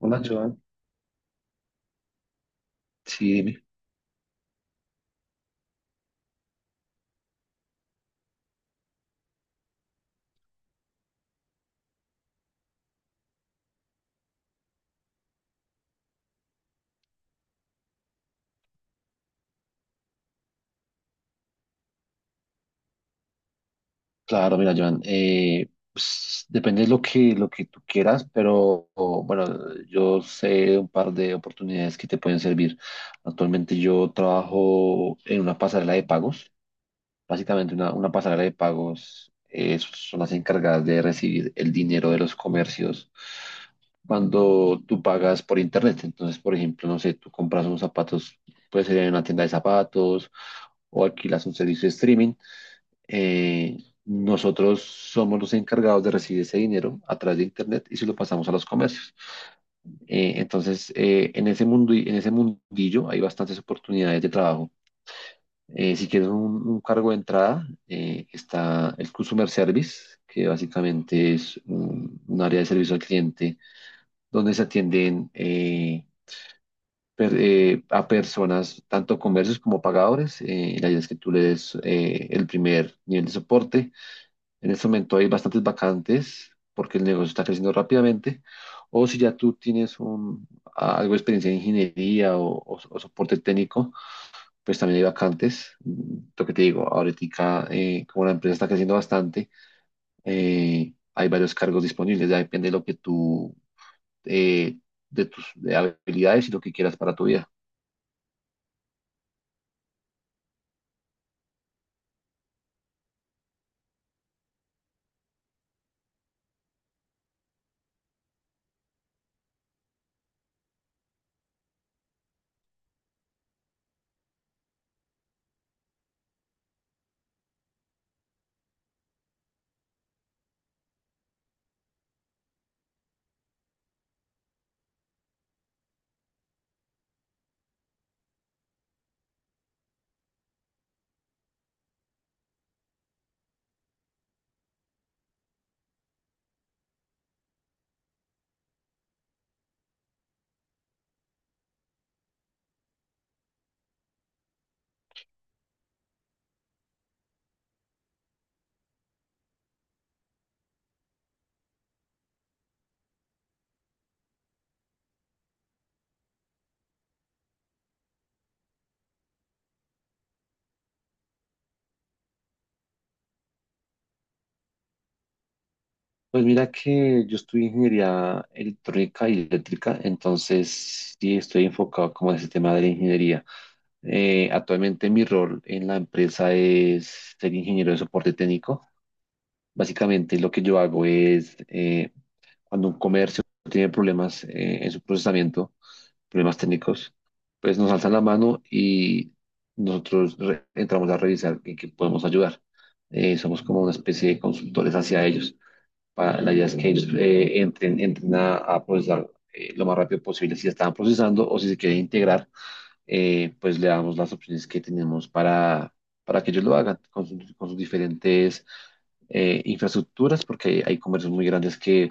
Hola, Joan. Sí, dime. Claro, mira, Joan. Pues, depende de lo que tú quieras, pero bueno, yo sé un par de oportunidades que te pueden servir. Actualmente yo trabajo en una pasarela de pagos. Básicamente una pasarela de pagos son las encargadas de recibir el dinero de los comercios cuando tú pagas por internet. Entonces, por ejemplo, no sé, tú compras unos zapatos, puede ser en una tienda de zapatos o alquilas un servicio de streaming. eh, nosotros somos los encargados de recibir ese dinero a través de Internet y se lo pasamos a los comercios. Entonces, en ese mundo, en ese mundillo hay bastantes oportunidades de trabajo. Si quieres un cargo de entrada, está el Customer Service, que básicamente es un área de servicio al cliente donde se atienden a personas, tanto comercios como pagadores. La idea es que tú le des el primer nivel de soporte. En este momento hay bastantes vacantes porque el negocio está creciendo rápidamente. O si ya tú tienes algo de experiencia en ingeniería o soporte técnico, pues también hay vacantes. Lo que te digo, ahorita, como la empresa está creciendo bastante, hay varios cargos disponibles. Ya depende de lo que tú, eh, de tus de habilidades y lo que quieras para tu vida. Pues mira que yo estudié ingeniería electrónica y eléctrica, entonces sí estoy enfocado como en ese tema de la ingeniería. Actualmente mi rol en la empresa es ser ingeniero de soporte técnico. Básicamente lo que yo hago es cuando un comercio tiene problemas en su procesamiento, problemas técnicos, pues nos alzan la mano y nosotros entramos a revisar en qué podemos ayudar. Somos como una especie de consultores hacia ellos. La idea es que ellos entren a procesar lo más rápido posible. Si están procesando o si se quieren integrar, pues le damos las opciones que tenemos para que ellos lo hagan con sus diferentes infraestructuras, porque hay comercios muy grandes que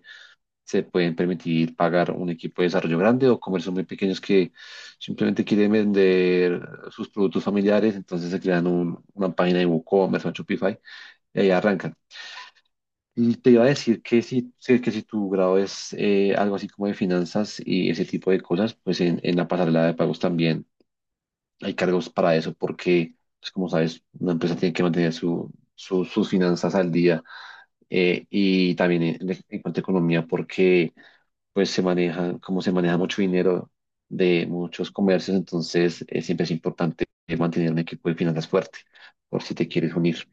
se pueden permitir pagar un equipo de desarrollo grande o comercios muy pequeños que simplemente quieren vender sus productos familiares, entonces se crean una página de WooCommerce o Shopify y ahí arrancan. Y te iba a decir que que si tu grado es algo así como de finanzas y ese tipo de cosas, pues en la pasarela de pagos también hay cargos para eso porque, pues, como sabes, una empresa tiene que mantener sus finanzas al día, y también en cuanto a economía porque pues como se maneja mucho dinero de muchos comercios, entonces siempre es importante mantener un equipo de finanzas fuerte por si te quieres unir.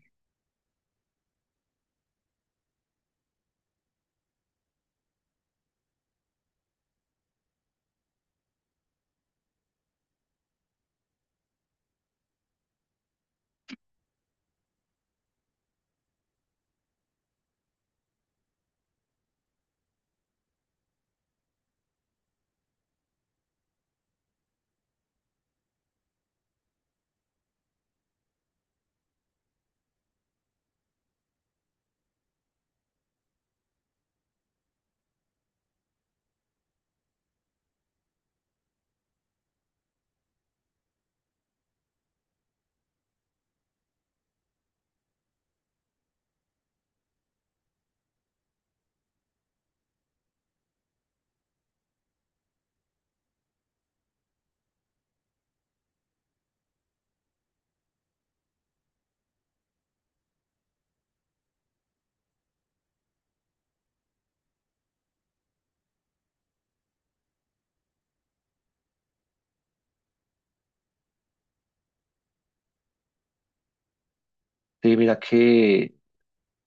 Sí, mira que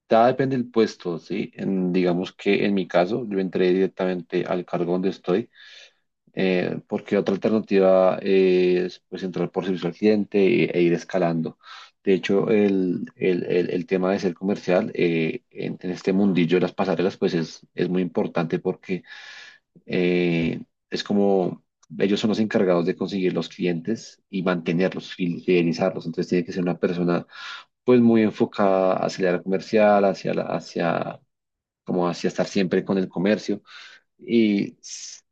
ya depende del puesto, ¿sí? Digamos que en mi caso yo entré directamente al cargo donde estoy, porque otra alternativa es, pues, entrar por servicio al cliente e ir escalando. De hecho, el tema de ser comercial, en este mundillo de las pasarelas, pues es muy importante porque eh, es como ellos son los encargados de conseguir los clientes y mantenerlos, fidelizarlos. Entonces tiene que ser una persona pues muy enfocada hacia la comercial, hacia la, hacia como hacia estar siempre con el comercio. Y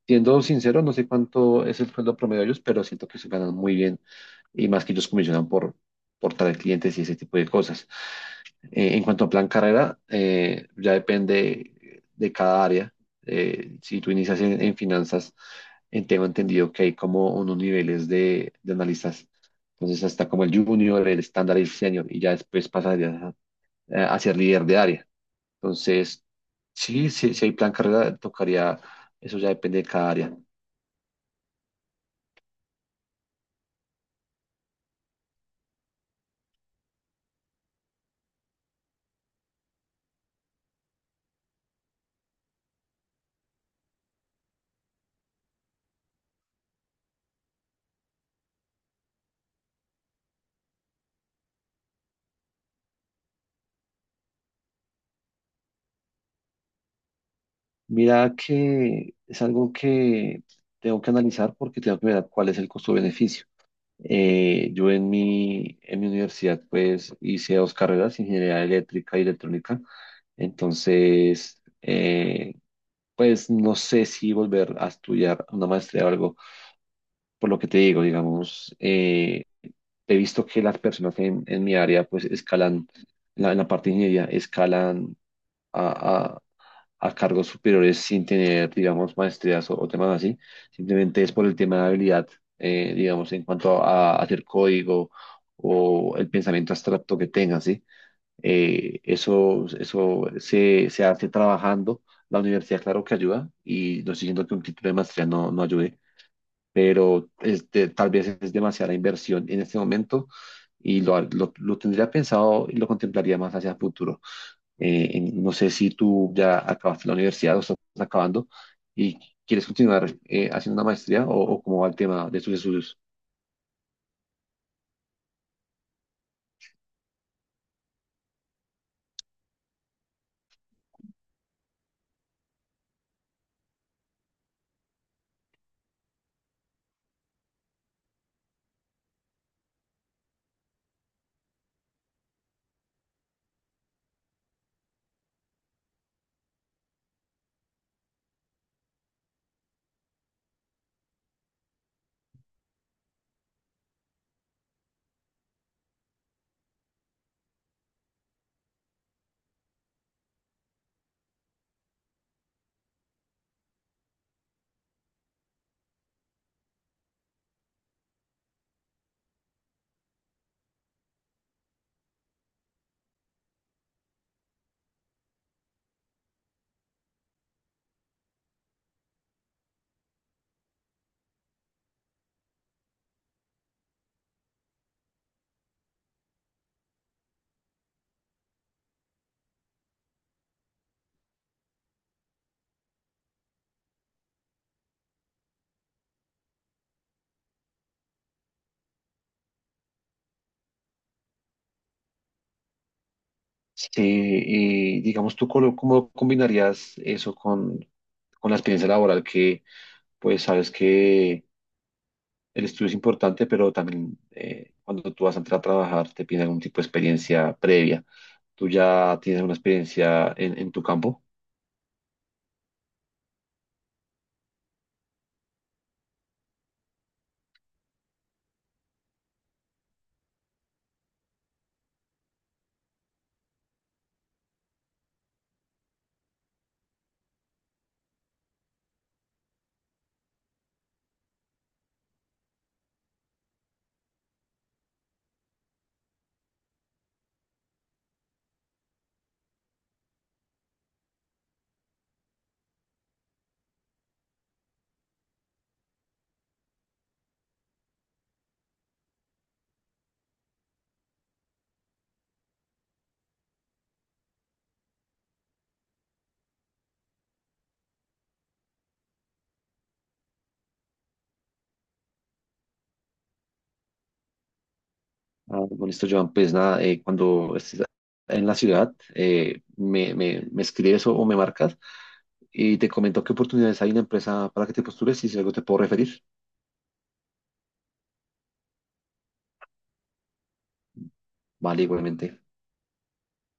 siendo sincero, no sé cuánto es el sueldo promedio de ellos, pero siento que se ganan muy bien, y más que ellos comisionan por traer clientes y ese tipo de cosas. En cuanto a plan carrera, ya depende de cada área. Si tú inicias en finanzas, tengo entendido que hay como unos niveles de analistas. Entonces, hasta como el junior, el estándar y el senior, y ya después pasarías a ser líder de área. Entonces, sí, sí, si hay plan carrera, tocaría, eso ya depende de cada área. Mira que es algo que tengo que analizar porque tengo que ver cuál es el costo-beneficio. Yo en mi universidad pues hice dos carreras, ingeniería eléctrica y electrónica. Entonces, pues no sé si volver a estudiar una maestría o algo, por lo que te digo, digamos, he visto que las personas en mi área, pues escalan, en la parte de ingeniería, escalan a, a- a cargos superiores sin tener, digamos, maestrías o temas así. Simplemente es por el tema de habilidad, digamos, en cuanto a hacer código o el pensamiento abstracto que tengan, ¿sí? Eso se hace trabajando. La universidad, claro que ayuda, y no estoy diciendo que un título de maestría no, no ayude, pero tal vez es demasiada inversión en este momento y lo tendría pensado y lo contemplaría más hacia el futuro. No sé si tú ya acabaste la universidad o estás acabando y quieres continuar haciendo una maestría o cómo va el tema de tus estudios. Sí, y digamos, ¿tú cómo combinarías eso con la experiencia laboral pues, sabes que el estudio es importante, pero también cuando tú vas a entrar a trabajar te piden algún tipo de experiencia previa? ¿Tú ya tienes una experiencia en tu campo? Ah, con esto, Joan, pues nada, cuando estés en la ciudad, me escribes o me marcas y te comento qué oportunidades hay en la empresa para que te postules y si algo te puedo referir. Vale, igualmente.